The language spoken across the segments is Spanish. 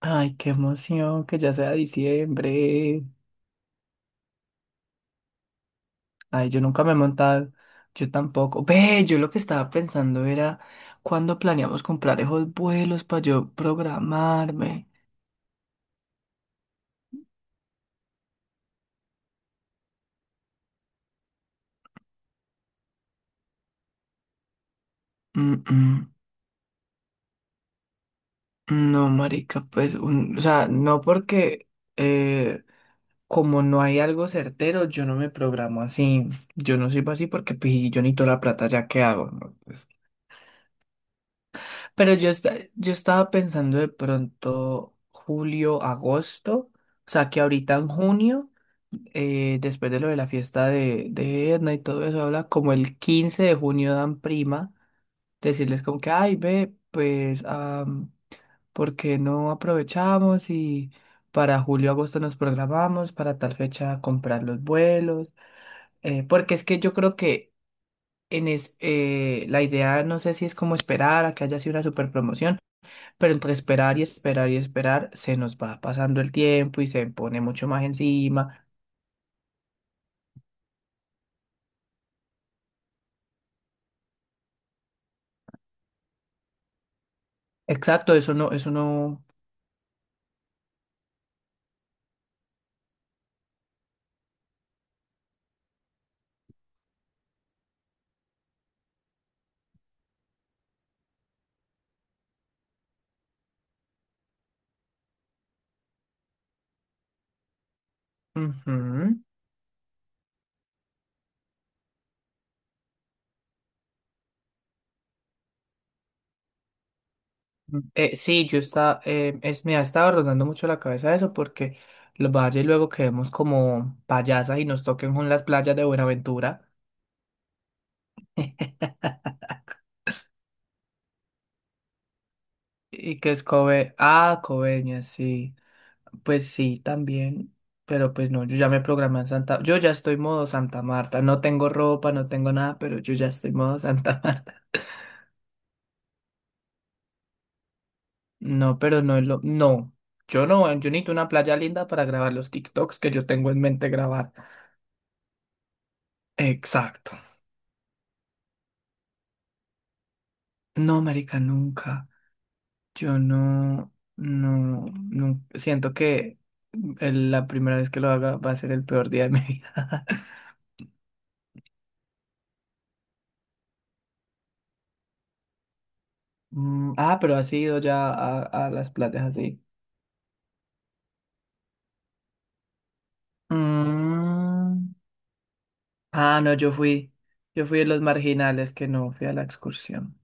Ay, qué emoción que ya sea diciembre. Ay, yo nunca me he montado, yo tampoco. Ve, yo lo que estaba pensando era cuándo planeamos comprar esos vuelos para yo programarme. Mm, mm. No, marica, pues, o sea, no porque eh, como no hay algo certero, yo no me programo así. Yo no sirvo así porque pues, si yo necesito la plata, ¿ya qué hago? ¿No? Pues, Pero yo, yo estaba pensando de pronto julio, agosto, o sea que ahorita en junio, después de lo de la fiesta de Edna y todo eso, habla como el 15 de junio dan prima, decirles como que, ay, ve, pues, ¿por qué no aprovechamos y para julio, agosto nos programamos para tal fecha comprar los vuelos? Porque es que yo creo que la idea, no sé si es como esperar a que haya sido una super promoción pero entre esperar y esperar y esperar, se nos va pasando el tiempo y se pone mucho más encima. Exacto, eso no, eso no. Ujú. Sí, me ha estado rondando mucho la cabeza eso porque los valles luego quedemos como payasas y nos toquen con las playas de Buenaventura. Y que es Kobe. Ah, Coveñas, sí. Pues sí, también. Pero pues no, yo ya me programé en Santa. Yo ya estoy modo Santa Marta. No tengo ropa, no tengo nada, pero yo ya estoy modo Santa Marta. No, pero no es lo. No. Yo no, yo necesito una playa linda para grabar los TikToks que yo tengo en mente grabar. Exacto. No, marica, nunca. Yo no, no, no. Siento que la primera vez que lo haga va a ser el peor día de mi vida. Mm, ah, pero has ido ya a, las playas así. Mm. Ah, no, yo fui. Yo fui de los marginales que no fui a la excursión.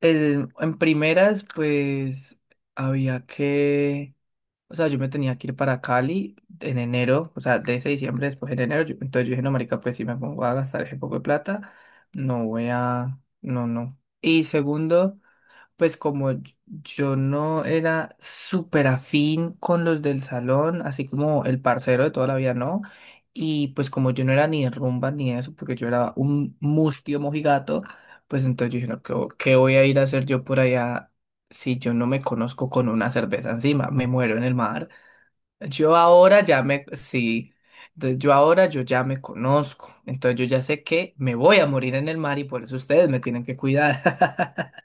En primeras, pues había que. O sea, yo me tenía que ir para Cali en enero, o sea, de ese diciembre, después en enero. Entonces yo dije, no, marica, pues si me pongo a gastar ese poco de plata, no voy a... No, no. Y segundo, pues como yo no era súper afín con los del salón, así como el parcero de toda la vida, ¿no? Y pues como yo no era ni de rumba ni de eso, porque yo era un mustio mojigato, pues entonces yo dije, no, ¿qué voy a ir a hacer yo por allá? Si yo no me conozco con una cerveza encima, me muero en el mar. Yo ahora ya me, sí, entonces yo ahora yo ya me conozco, entonces yo ya sé que me voy a morir en el mar y por eso ustedes me tienen que cuidar.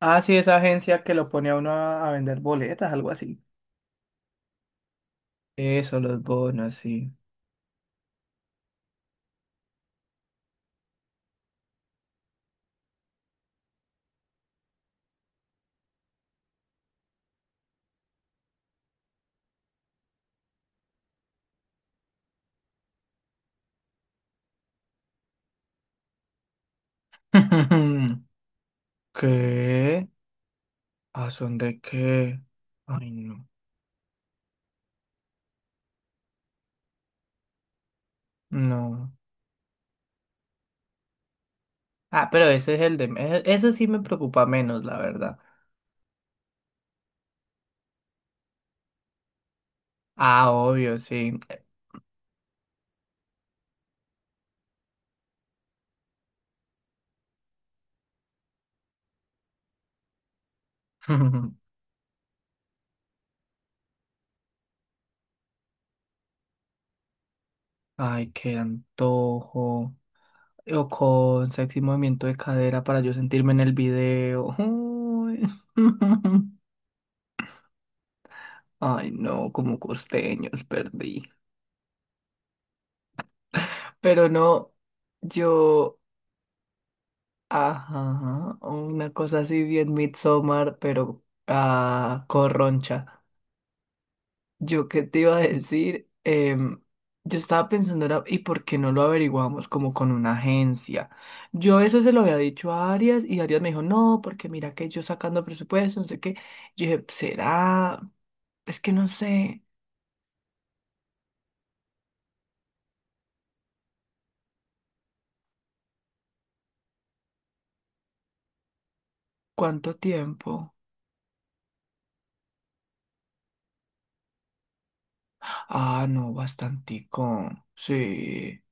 Ah, sí, esa agencia que lo pone a uno a vender boletas, algo así. Eso, los bonos, sí. ¿Qué? ¿A son de qué? Ay, no, no. Ah, pero ese es eso sí me preocupa menos, la verdad. Ah, obvio, sí. Ay, qué antojo. O con sexy movimiento de cadera para yo sentirme en el video. Uy. Ay, no, como costeños perdí. Pero no, yo, ajá, una cosa así bien Midsommar, pero corroncha. Yo qué te iba a decir, Em, yo estaba pensando, era, ¿y por qué no lo averiguamos como con una agencia? Yo eso se lo había dicho a Arias y Arias me dijo, no, porque mira que yo sacando presupuesto, no sé qué. Yo dije, ¿será? Es que no sé cuánto tiempo. Ah, no, bastantico. Sí.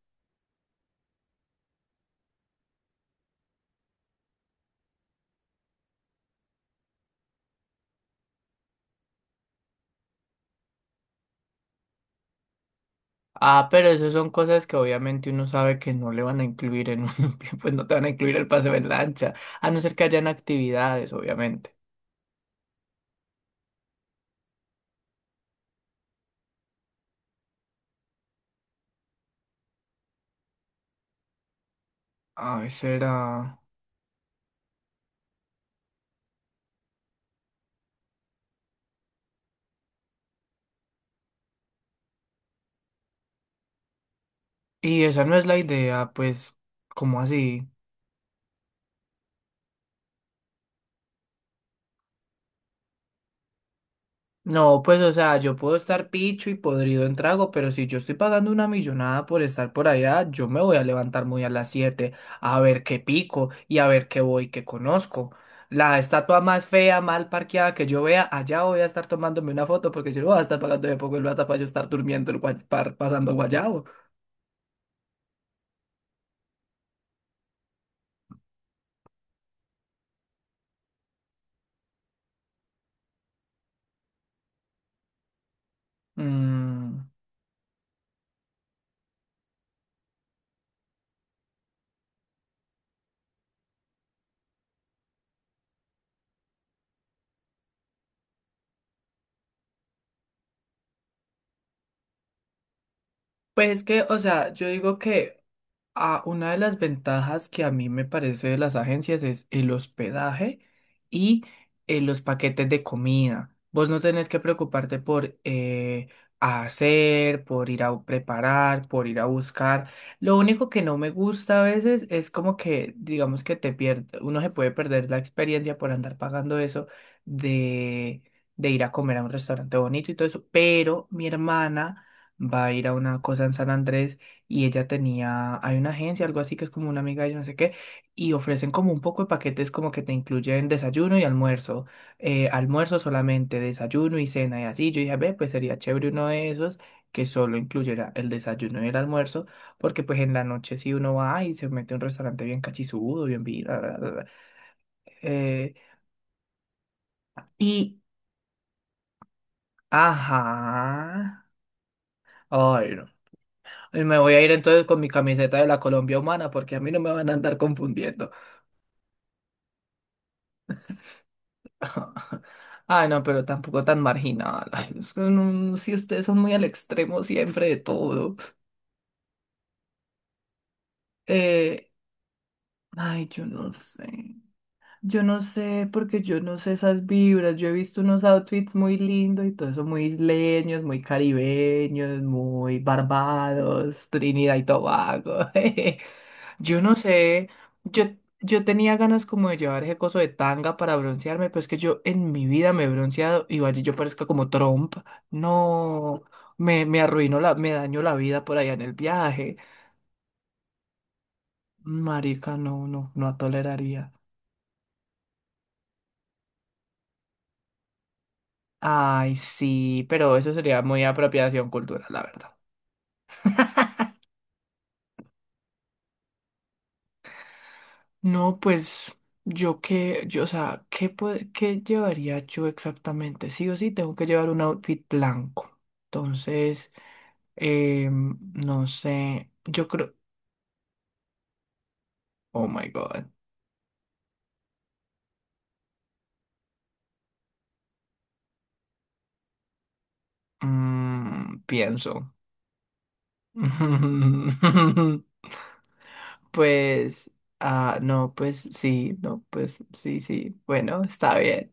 Ah, pero eso son cosas que obviamente uno sabe que no le van a incluir en un, pues no te van a incluir el paseo en lancha, a no ser que hayan actividades, obviamente. Ay, será. Y esa no es la idea, pues, ¿cómo así? No, pues, o sea, yo puedo estar picho y podrido en trago, pero si yo estoy pagando una millonada por estar por allá, yo me voy a levantar muy a las 7 a ver qué pico y a ver qué voy, qué conozco. La estatua más fea, mal parqueada que yo vea, allá voy a estar tomándome una foto porque yo no voy a estar pagando de poco el plata para yo estar durmiendo, pasando guayabo. Mm, Pues que, o sea, yo digo que. Ah, una de las ventajas que a mí me parece de las agencias es el hospedaje y los paquetes de comida. Vos no tenés que preocuparte por hacer, por ir a preparar, por ir a buscar. Lo único que no me gusta a veces es como que, digamos que te pierde, uno se puede perder la experiencia por andar pagando eso de, de ir a comer a un restaurante bonito y todo eso. Pero mi hermana va a ir a una cosa en San Andrés y ella tenía, hay una agencia, algo así que es como una amiga de ella, no sé qué, y ofrecen como un poco de paquetes como que te incluyen desayuno y almuerzo, almuerzo solamente, desayuno y cena y así. Yo dije, ve, pues sería chévere uno de esos que solo incluyera el desayuno y el almuerzo, porque pues en la noche si uno va y se mete a un restaurante bien cachizudo, bien vida, bla, bla, bla, eh, y, ajá, ay, no. Y me voy a ir entonces con mi camiseta de la Colombia humana porque a mí no me van a andar confundiendo. Ay, no, pero tampoco tan marginal. Ay, es que si ustedes son muy al extremo siempre de todo. Eh, ay, yo no sé. Yo no sé, porque yo no sé esas vibras. Yo he visto unos outfits muy lindos y todo eso, muy isleños, muy caribeños, muy Barbados, Trinidad y Tobago. jeje. Yo no sé, yo, yo, tenía ganas como de llevar ese coso de tanga para broncearme, pero es que yo en mi vida me he bronceado y vaya, yo parezco como Trump. No, me arruinó me dañó la vida por allá en el viaje. Marica, no, no, no toleraría. Ay, sí, pero eso sería muy apropiación cultural, la verdad. No, pues yo qué, yo, o sea, ¿qué, qué llevaría yo exactamente? Sí o sí, tengo que llevar un outfit blanco. Entonces, no sé, yo creo, oh my God, pienso. Pues, no, pues sí, no, pues sí, sí, bueno, está bien.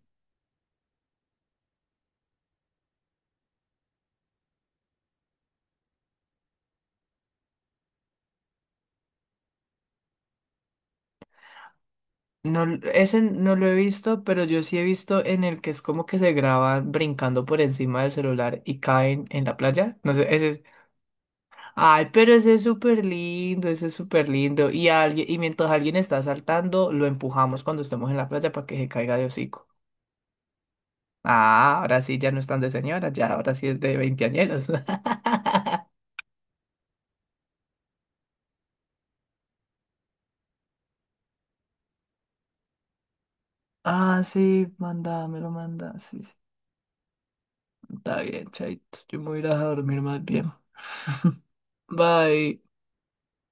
No, ese no lo he visto, pero yo sí he visto en el que es como que se graban brincando por encima del celular y caen en la playa. No sé, ese es. Ay, pero ese es súper lindo, ese es súper lindo. Y alguien, y mientras alguien está saltando, lo empujamos cuando estemos en la playa para que se caiga de hocico. Ah, ahora sí ya no están de señora, ya ahora sí es de veinteañeros. Ah, sí, manda me lo manda. Sí, sí. Está bien, chaito. Yo me voy a ir a dormir más bien. Bye.